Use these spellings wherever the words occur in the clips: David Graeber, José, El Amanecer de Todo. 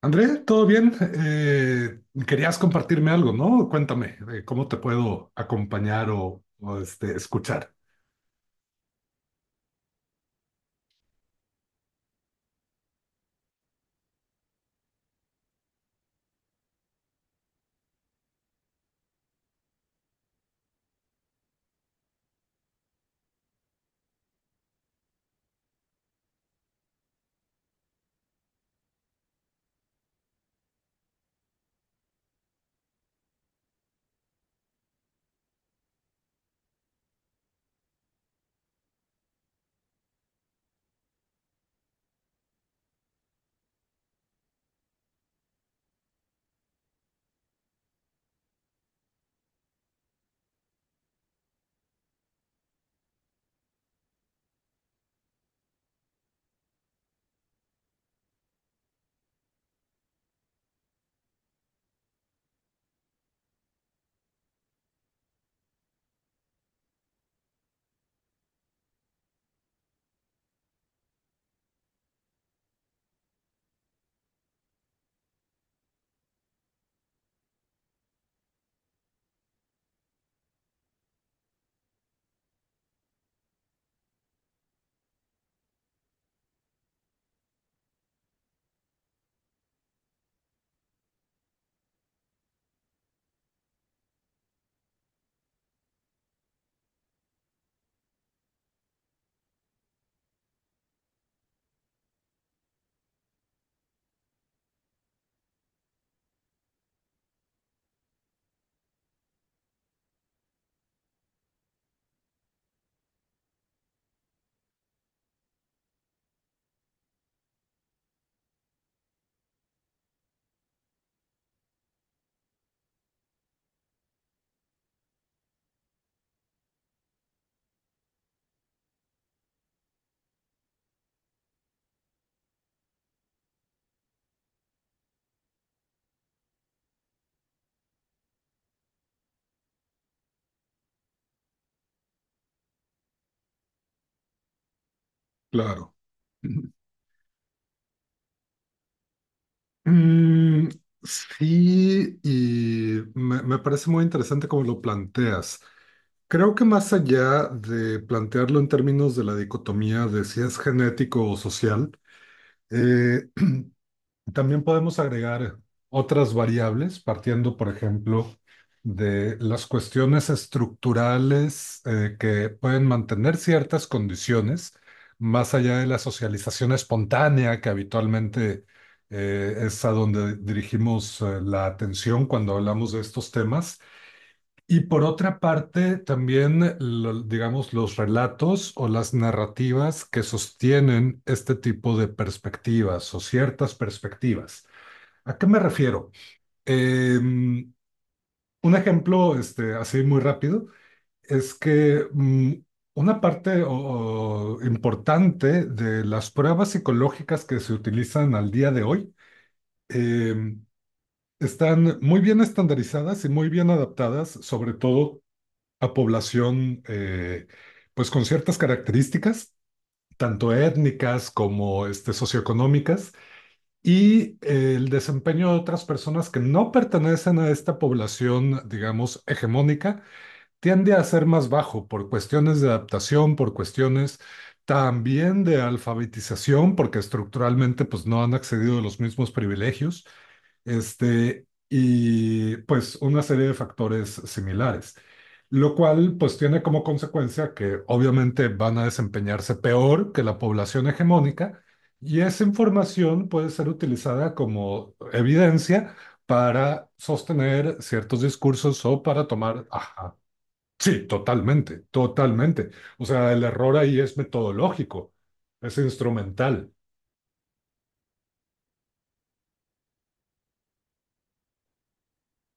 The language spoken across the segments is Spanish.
André, ¿todo bien? Querías compartirme algo, ¿no? Cuéntame, ¿cómo te puedo acompañar o, este, escuchar? Claro. Mm, sí, y me parece muy interesante cómo lo planteas. Creo que más allá de plantearlo en términos de la dicotomía de si es genético o social, Eh, también podemos agregar otras variables, partiendo, por ejemplo, de las cuestiones estructurales que pueden mantener ciertas condiciones, más allá de la socialización espontánea, que habitualmente es a donde dirigimos la atención cuando hablamos de estos temas. Y por otra parte, también, digamos, los relatos o las narrativas que sostienen este tipo de perspectivas o ciertas perspectivas. ¿A qué me refiero? Em, un ejemplo, este, así muy rápido, es que una parte o importante de las pruebas psicológicas que se utilizan al día de hoy em, están muy bien estandarizadas y muy bien adaptadas, sobre todo a población pues con ciertas características, tanto étnicas como este, socioeconómicas, y el desempeño de otras personas que no pertenecen a esta población, digamos, hegemónica, tiende a ser más bajo por cuestiones de adaptación, por cuestiones también de alfabetización, porque estructuralmente pues no han accedido a los mismos privilegios. Este, y pues una serie de factores similares, lo cual pues tiene como consecuencia que obviamente van a desempeñarse peor que la población hegemónica y esa información puede ser utilizada como evidencia para sostener ciertos discursos o para tomar. Ajá, sí, totalmente, totalmente. O sea, el error ahí es metodológico, es instrumental.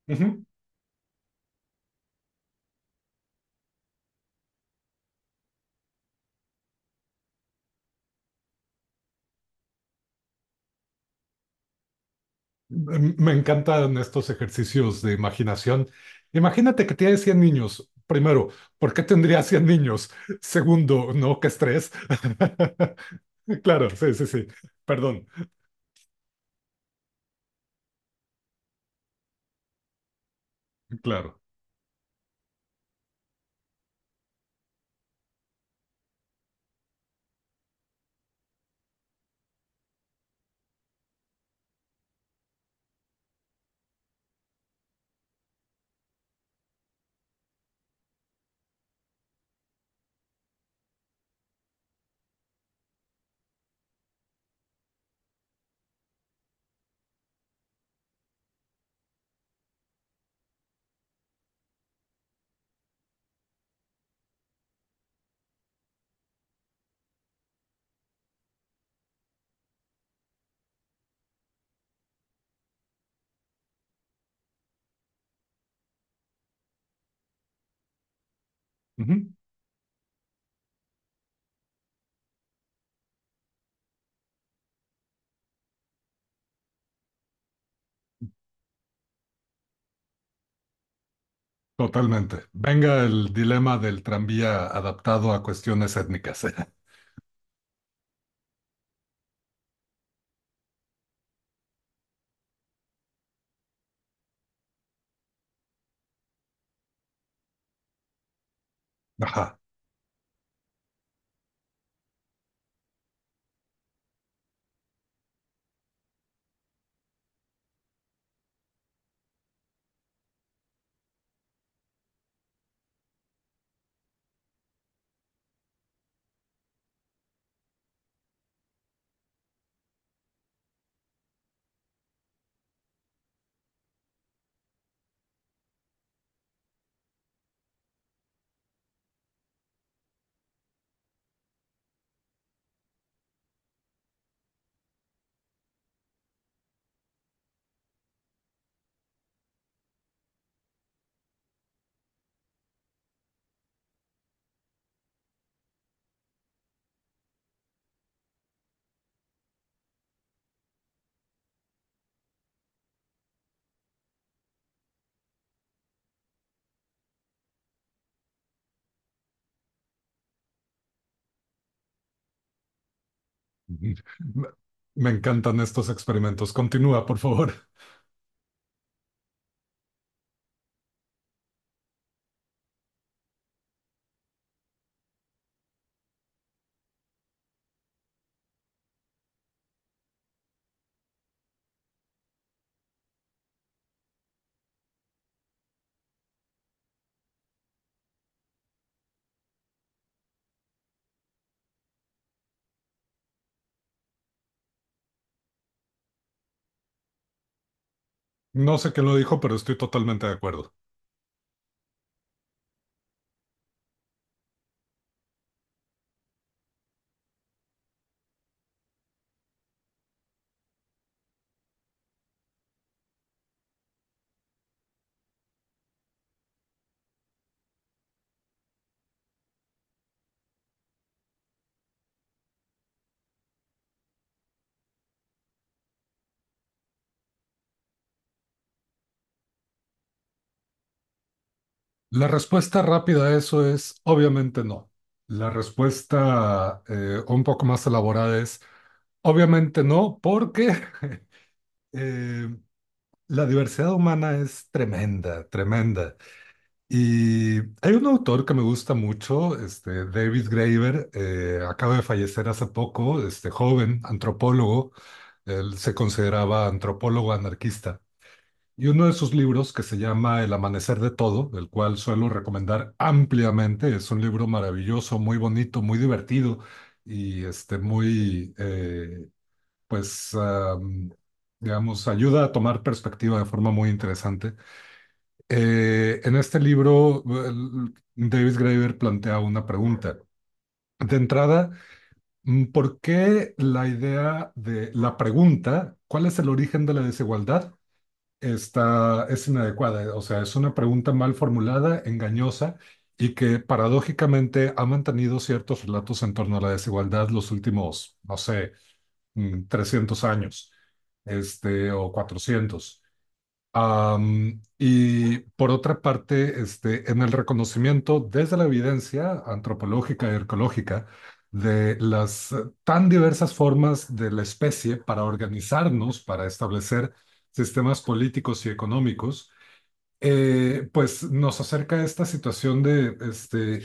Ujú. Me encantan estos ejercicios de imaginación. Imagínate que tienes 100 niños. Primero, ¿por qué tendrías 100 niños? Segundo, no, qué estrés. Claro, sí, sí, sí. Perdón. Claro. Ujú. Totalmente. Venga el dilema del tranvía adaptado a cuestiones étnicas. Ajá. Ujú. Me me encantan estos experimentos. Continúa, por favor. No sé quién lo dijo, pero estoy totalmente de acuerdo. La respuesta rápida a eso es obviamente no. La respuesta un poco más elaborada es obviamente no, porque eh, la diversidad humana es tremenda, tremenda. Y hay un autor que me gusta mucho, este, David Graeber, acaba de fallecer hace poco, este joven antropólogo, él se consideraba antropólogo anarquista. Y uno de sus libros, que se llama El Amanecer de Todo, el cual suelo recomendar ampliamente, es un libro maravilloso, muy bonito, muy divertido y este, muy, pues, digamos, ayuda a tomar perspectiva de forma muy interesante. En este libro, Davis Graeber plantea una pregunta. De entrada, ¿por qué la idea de la pregunta, ¿cuál es el origen de la desigualdad?, está, es inadecuada? O sea, es una pregunta mal formulada, engañosa y que paradójicamente ha mantenido ciertos relatos en torno a la desigualdad los últimos, no sé, 300 años, este, o 400. Y por otra parte, este, en el reconocimiento desde la evidencia antropológica y arqueológica de las tan diversas formas de la especie para organizarnos, para establecer sistemas políticos y económicos, pues nos acerca a esta situación de, este,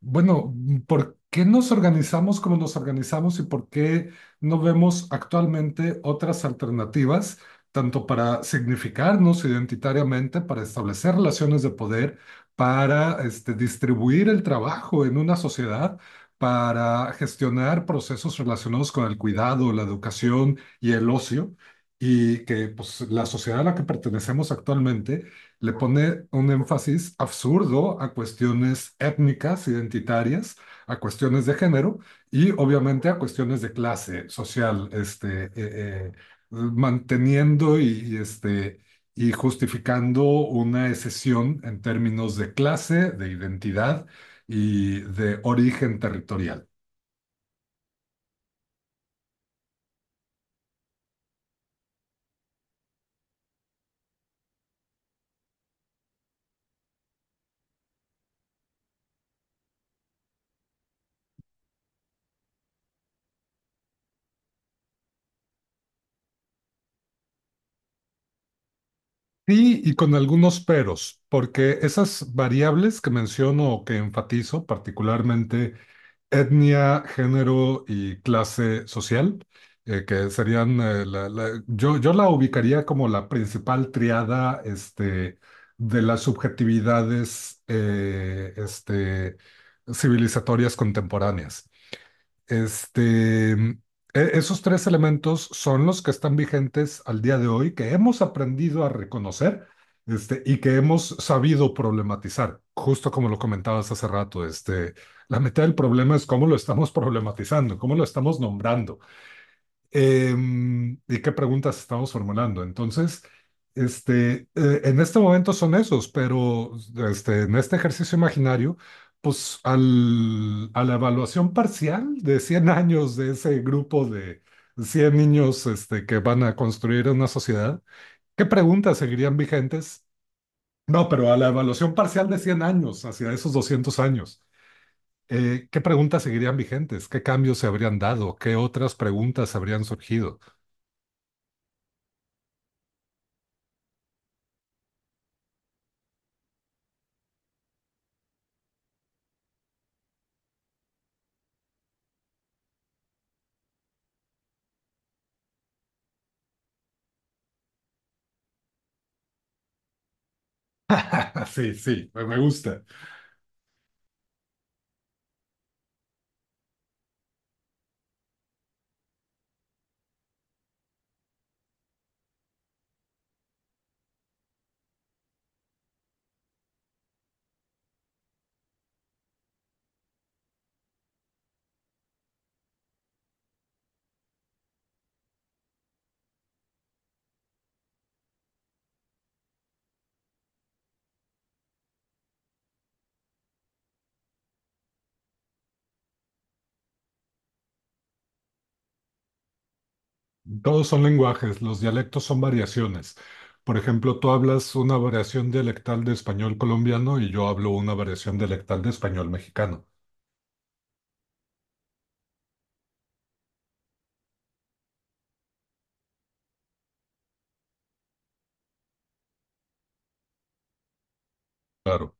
bueno, ¿por qué nos organizamos como nos organizamos y por qué no vemos actualmente otras alternativas, tanto para significarnos identitariamente, para establecer relaciones de poder, para, este, distribuir el trabajo en una sociedad? Para gestionar procesos relacionados con el cuidado, la educación y el ocio, y que pues, la sociedad a la que pertenecemos actualmente le pone un énfasis absurdo a cuestiones étnicas, identitarias, a cuestiones de género y obviamente a cuestiones de clase social, este, manteniendo y, este, y justificando una excesión en términos de clase, de identidad y de origen territorial. Sí, y con algunos peros, porque esas variables que menciono o que enfatizo, particularmente etnia, género y clase social, que serían, yo la ubicaría como la principal triada este, de las subjetividades este, civilizatorias contemporáneas. Este, esos tres elementos son los que están vigentes al día de hoy, que hemos aprendido a reconocer, este, y que hemos sabido problematizar, justo como lo comentabas hace rato, este, la mitad del problema es cómo lo estamos problematizando, cómo lo estamos nombrando. ¿Y qué preguntas estamos formulando? Entonces, este, en este momento son esos, pero este, en este ejercicio imaginario, pues a la evaluación parcial de 100 años de ese grupo de 100 niños este, que van a construir una sociedad, ¿qué preguntas seguirían vigentes? No, pero a la evaluación parcial de 100 años, hacia esos 200 años. ¿Qué preguntas seguirían vigentes? ¿Qué cambios se habrían dado? ¿Qué otras preguntas habrían surgido? Sí, sí, me gusta. Todos son lenguajes, los dialectos son variaciones. Por ejemplo, tú hablas una variación dialectal de español colombiano y yo hablo una variación dialectal de español mexicano. Claro.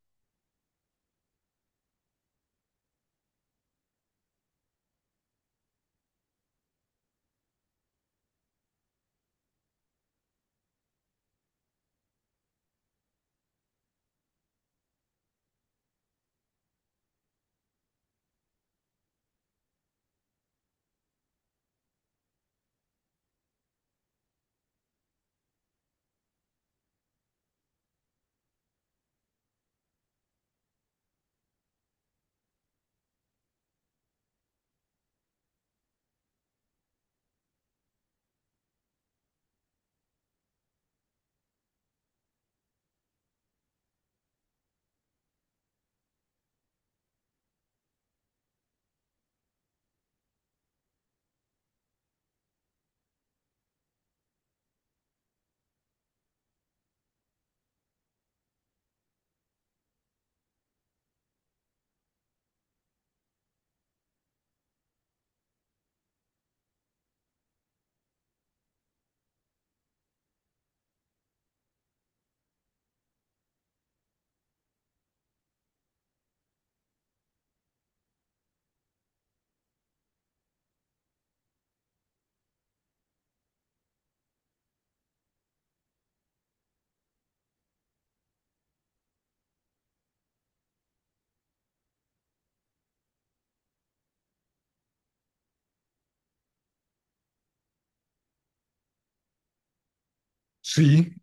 Sí,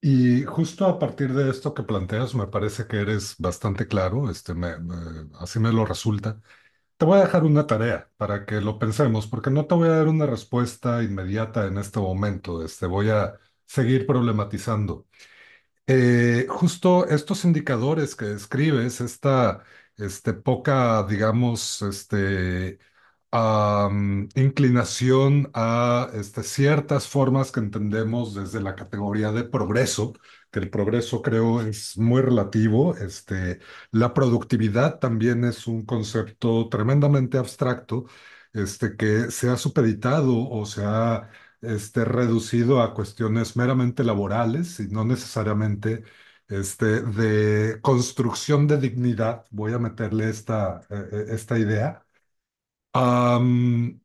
y justo a partir de esto que planteas, me parece que eres bastante claro, este, así me lo resulta. Te voy a dejar una tarea para que lo pensemos, porque no te voy a dar una respuesta inmediata en este momento. Este, voy a seguir problematizando justo estos indicadores que describes, esta este, poca, digamos, este, inclinación a este, ciertas formas que entendemos desde la categoría de progreso, que el progreso creo es muy relativo. Este, la productividad también es un concepto tremendamente abstracto. Este, que se ha supeditado o se ha este, reducido a cuestiones meramente laborales y no necesariamente este, de construcción de dignidad, voy a meterle esta idea. Am,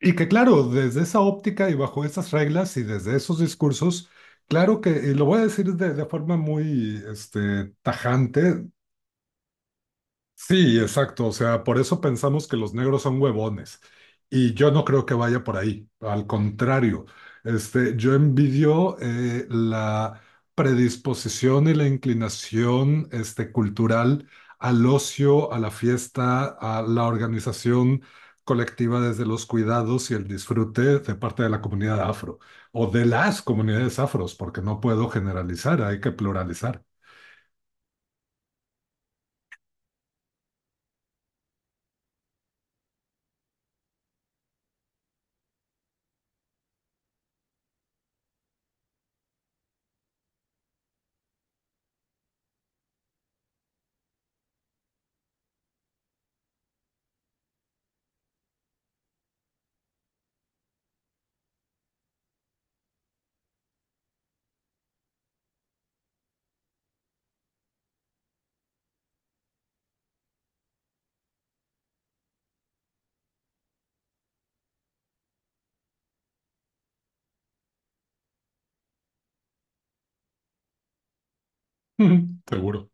y que claro, desde esa óptica y bajo esas reglas y desde esos discursos, claro que, y lo voy a decir de forma muy este, tajante. Sí, exacto. O sea, por eso pensamos que los negros son huevones. Y yo no creo que vaya por ahí. Al contrario, este, yo envidio la predisposición y la inclinación este, cultural al ocio, a la fiesta, a la organización colectiva desde los cuidados y el disfrute de parte de la comunidad afro o de las comunidades afros, porque no puedo generalizar, hay que pluralizar. Seguro,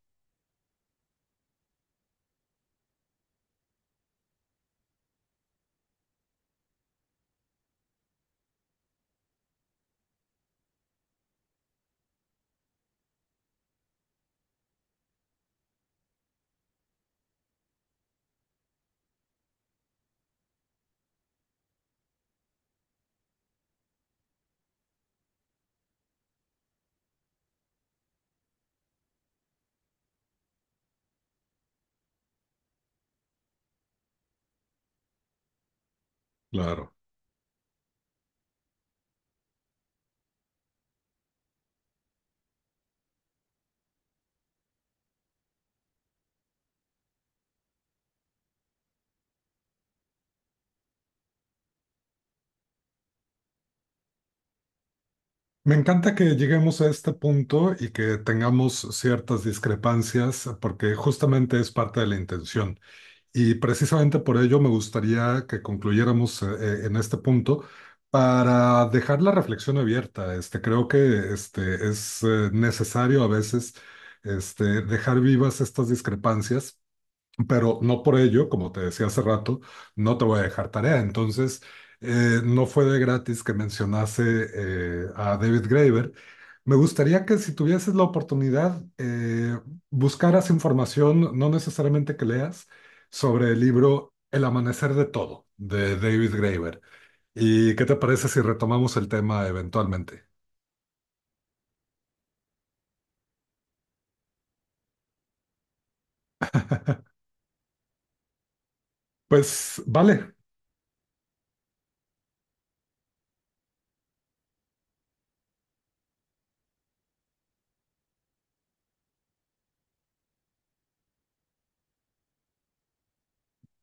claro. Me encanta que lleguemos a este punto y que tengamos ciertas discrepancias, porque justamente es parte de la intención. Y precisamente por ello me gustaría que concluyéramos en este punto para dejar la reflexión abierta. Este, creo que este, es necesario a veces este, dejar vivas estas discrepancias pero no por ello, como te decía hace rato, no te voy a dejar tarea. Entonces, no fue de gratis que mencionase a David Graeber. Me gustaría que si tuvieses la oportunidad, buscaras información, no necesariamente que leas, sobre el libro El amanecer de todo, de David Graeber. ¿Y qué te parece si retomamos el tema eventualmente? Pues vale,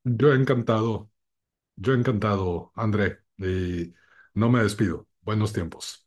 yo encantado, yo encantado, André, y no me despido. Buenos tiempos.